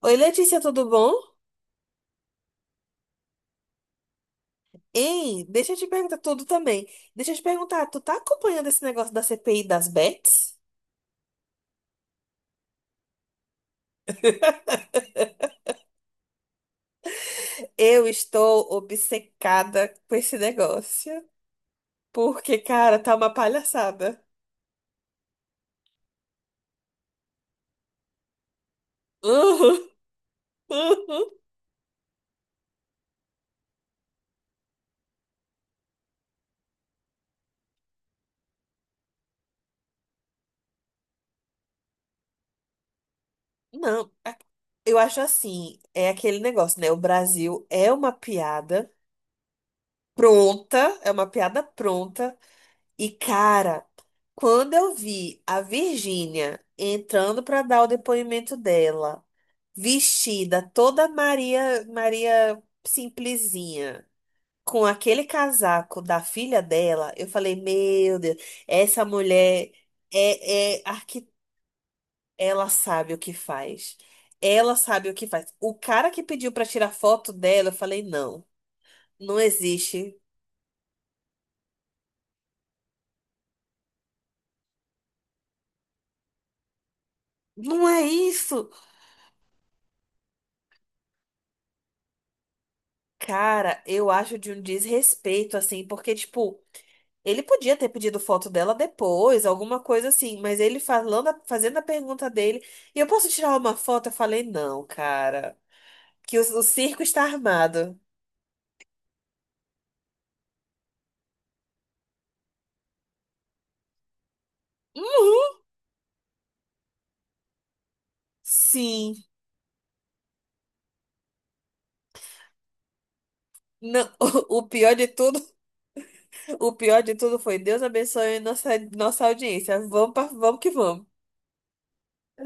Oi, Letícia, tudo bom? Ei, deixa eu te perguntar tudo também. Deixa eu te perguntar, tu tá acompanhando esse negócio da CPI das bets? Eu estou obcecada com esse negócio, porque, cara, tá uma palhaçada. Uhum, uhum. Não, a- Eu acho assim, é aquele negócio, né? O Brasil é uma piada pronta, é uma piada pronta. E, cara, quando eu vi a Virgínia entrando para dar o depoimento dela, vestida toda Maria, Maria simplesinha, com aquele casaco da filha dela, eu falei, meu Deus, essa mulher é, é arqui... ela sabe o que faz. Ela sabe o que faz. O cara que pediu para tirar foto dela, eu falei, não, não existe. Não é isso. Cara, eu acho de um desrespeito, assim, porque, tipo, ele podia ter pedido foto dela depois, alguma coisa assim, mas ele falando, fazendo a pergunta dele, e eu posso tirar uma foto? Eu falei, não, cara, que o circo está armado. Uhum, sim. Não, o pior de tudo, o pior de tudo foi Deus abençoe nossa audiência. Vamos que vamos.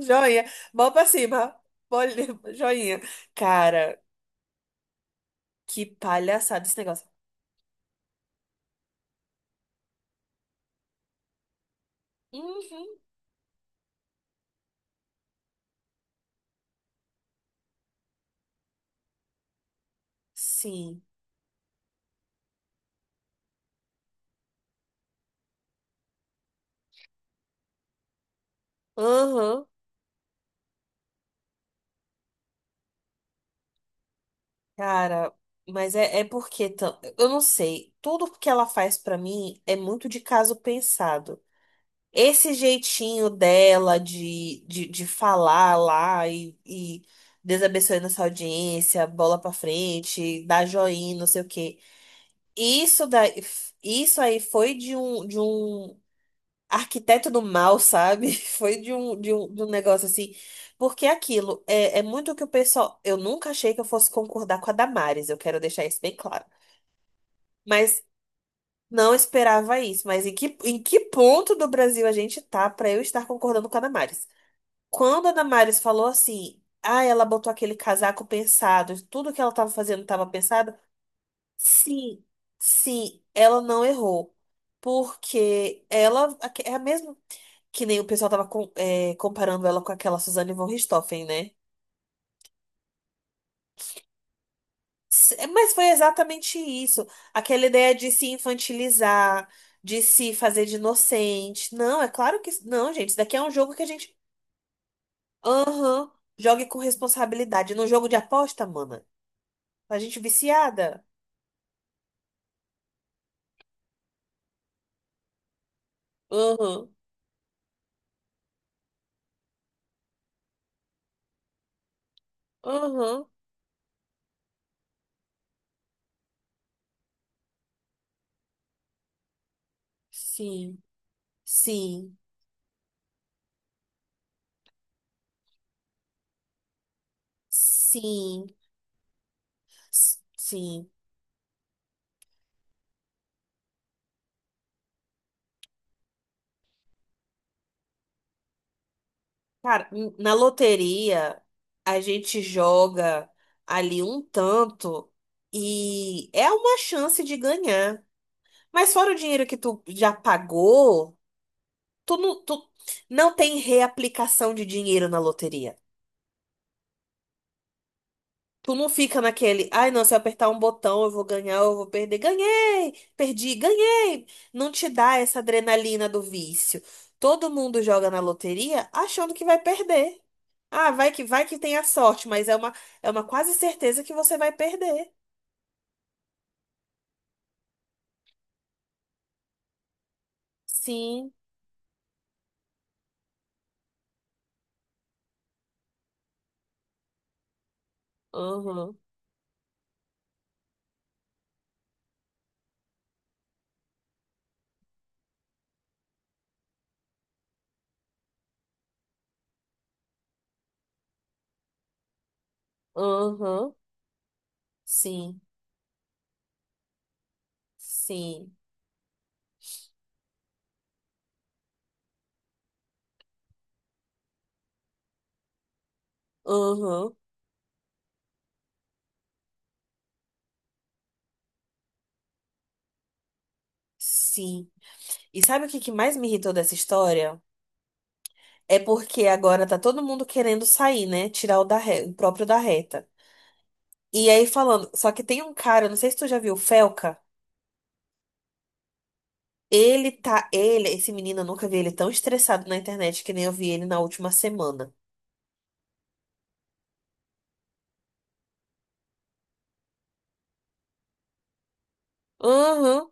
Joinha, mão pra cima. Olha, joinha. Cara, que palhaçada esse negócio. Uhum. Sim. Aham, cara, mas é porque eu não sei, tudo que ela faz pra mim é muito de caso pensado. Esse jeitinho dela de falar lá e Deus abençoe nossa audiência, bola pra frente, dá joinha, não sei o quê. Isso daí, isso aí foi de um arquiteto do mal, sabe? Foi de um negócio assim. Porque aquilo é muito o que o pessoal. Eu nunca achei que eu fosse concordar com a Damares, eu quero deixar isso bem claro. Mas não esperava isso. Mas em que ponto do Brasil a gente tá pra eu estar concordando com a Damares? Quando a Damares falou assim, ah, ela botou aquele casaco pensado, tudo que ela tava fazendo tava pensado. Sim, sim, ela não errou. Porque ela é a mesma. Que nem o pessoal tava é, comparando ela com aquela Suzane von Richthofen, né? É, mas foi exatamente isso. Aquela ideia de se infantilizar, de se fazer de inocente. Não, é claro que. Não, gente, isso daqui é um jogo que a gente. Aham. Jogue com responsabilidade. No jogo de aposta, mana. A gente viciada. Aham. Aham. Sim. Sim. Sim. Sim. Cara, na loteria, a gente joga ali um tanto e é uma chance de ganhar. Mas fora o dinheiro que tu já pagou, tu não tem reaplicação de dinheiro na loteria. Tu não fica naquele, ai, não, se eu apertar um botão eu vou ganhar, eu vou perder. Ganhei, perdi, ganhei. Não te dá essa adrenalina do vício. Todo mundo joga na loteria achando que vai perder. Ah, vai que tem a sorte, mas é uma quase certeza que você vai perder. Sim, aham, aham, sim, sim, aham, sim. E sabe o que que mais me irritou dessa história? É porque agora tá todo mundo querendo sair, né? Tirar o próprio da reta. E aí falando, só que tem um cara, não sei se tu já viu, o Felca. Esse menino, eu nunca vi ele tão estressado na internet que nem eu vi ele na última semana. Uhum.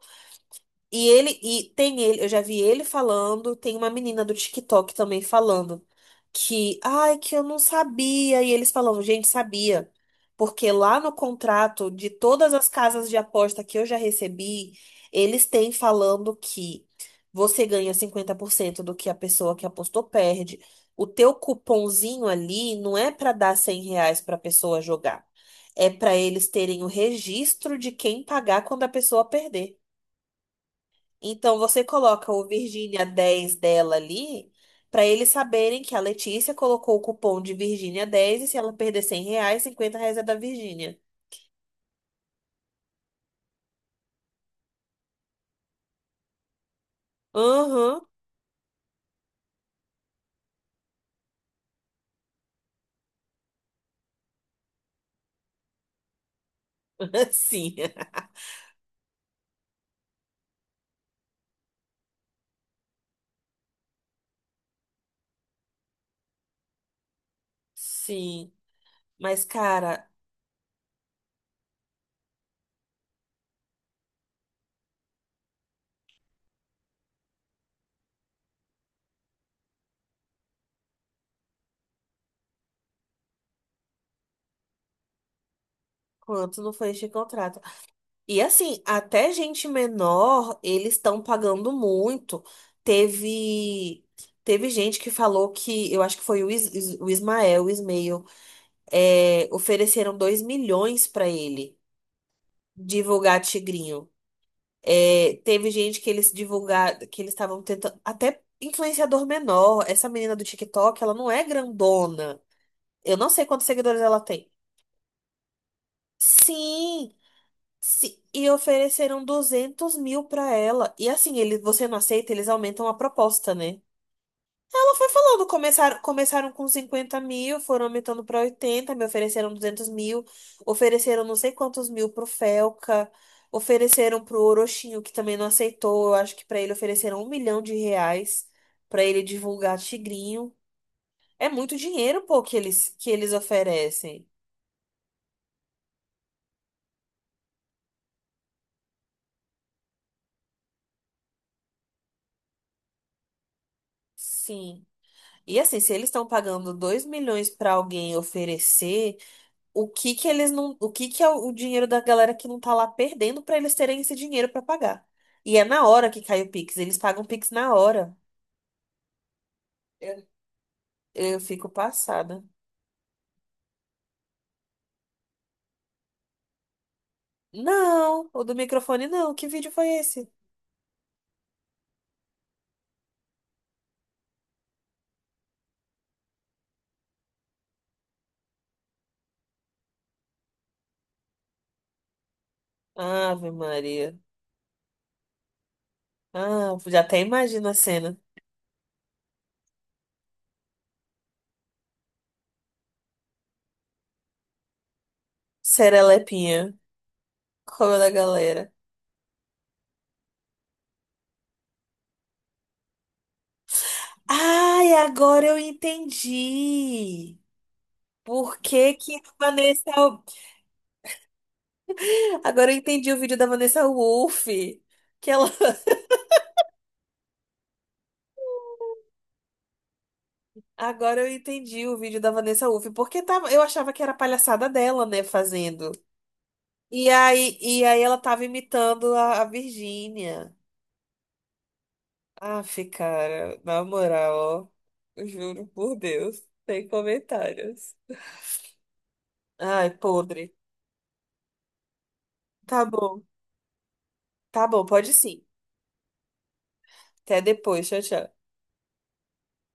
E ele, e tem ele, eu já vi ele falando, tem uma menina do TikTok também falando que, ai, que eu não sabia. E eles falavam, gente, sabia. Porque lá no contrato de todas as casas de aposta que eu já recebi, eles têm falando que você ganha 50% do que a pessoa que apostou perde. O teu cupomzinho ali não é para dar 100 reais para a pessoa jogar. É para eles terem o registro de quem pagar quando a pessoa perder. Então você coloca o Virgínia dez dela ali, para eles saberem que a Letícia colocou o cupom de Virgínia dez e se ela perder R$ 100, cinquenta reais é da Virgínia. Aham, sim, sim. Mas, cara, quanto não foi este contrato? E assim, até gente menor, eles estão pagando muito. Teve. Teve gente que falou que, eu acho que foi o, o Ismael, é, ofereceram 2 milhões para ele divulgar Tigrinho. É, teve gente que eles divulgar, que eles estavam tentando, até influenciador menor. Essa menina do TikTok, ela não é grandona. Eu não sei quantos seguidores ela tem. Sim, sim. E ofereceram 200 mil pra ela. E assim, ele, você não aceita, eles aumentam a proposta, né? Ela foi falando, começaram com 50 mil, foram aumentando para 80, me ofereceram 200 mil, ofereceram não sei quantos mil pro Felca, ofereceram pro Orochinho, que também não aceitou, eu acho que para ele ofereceram um milhão de reais para ele divulgar Tigrinho. É muito dinheiro, pô, que eles oferecem. Sim. E assim, se eles estão pagando 2 milhões para alguém oferecer. O que que eles não, o que que é o dinheiro da galera que não tá lá perdendo pra eles terem esse dinheiro pra pagar. E é na hora que cai o Pix, eles pagam o Pix na hora. Eu, eu fico passada. Não, o do microfone não. Que vídeo foi esse? Ave Maria. Ah, já até imagino a cena. Serelepinha, como da galera. Ai, agora eu entendi. Por que que a Vanessa... Agora eu entendi o vídeo da Vanessa Wolff. Que ela Agora eu entendi o vídeo da Vanessa Uff, porque tava, eu achava que era palhaçada dela, né, fazendo. E aí ela tava imitando a Virgínia. Aff, cara, na moral, ó, eu juro por Deus, sem comentários. Ai, podre. Tá bom, tá bom, pode sim. Até depois, tchau, tchau.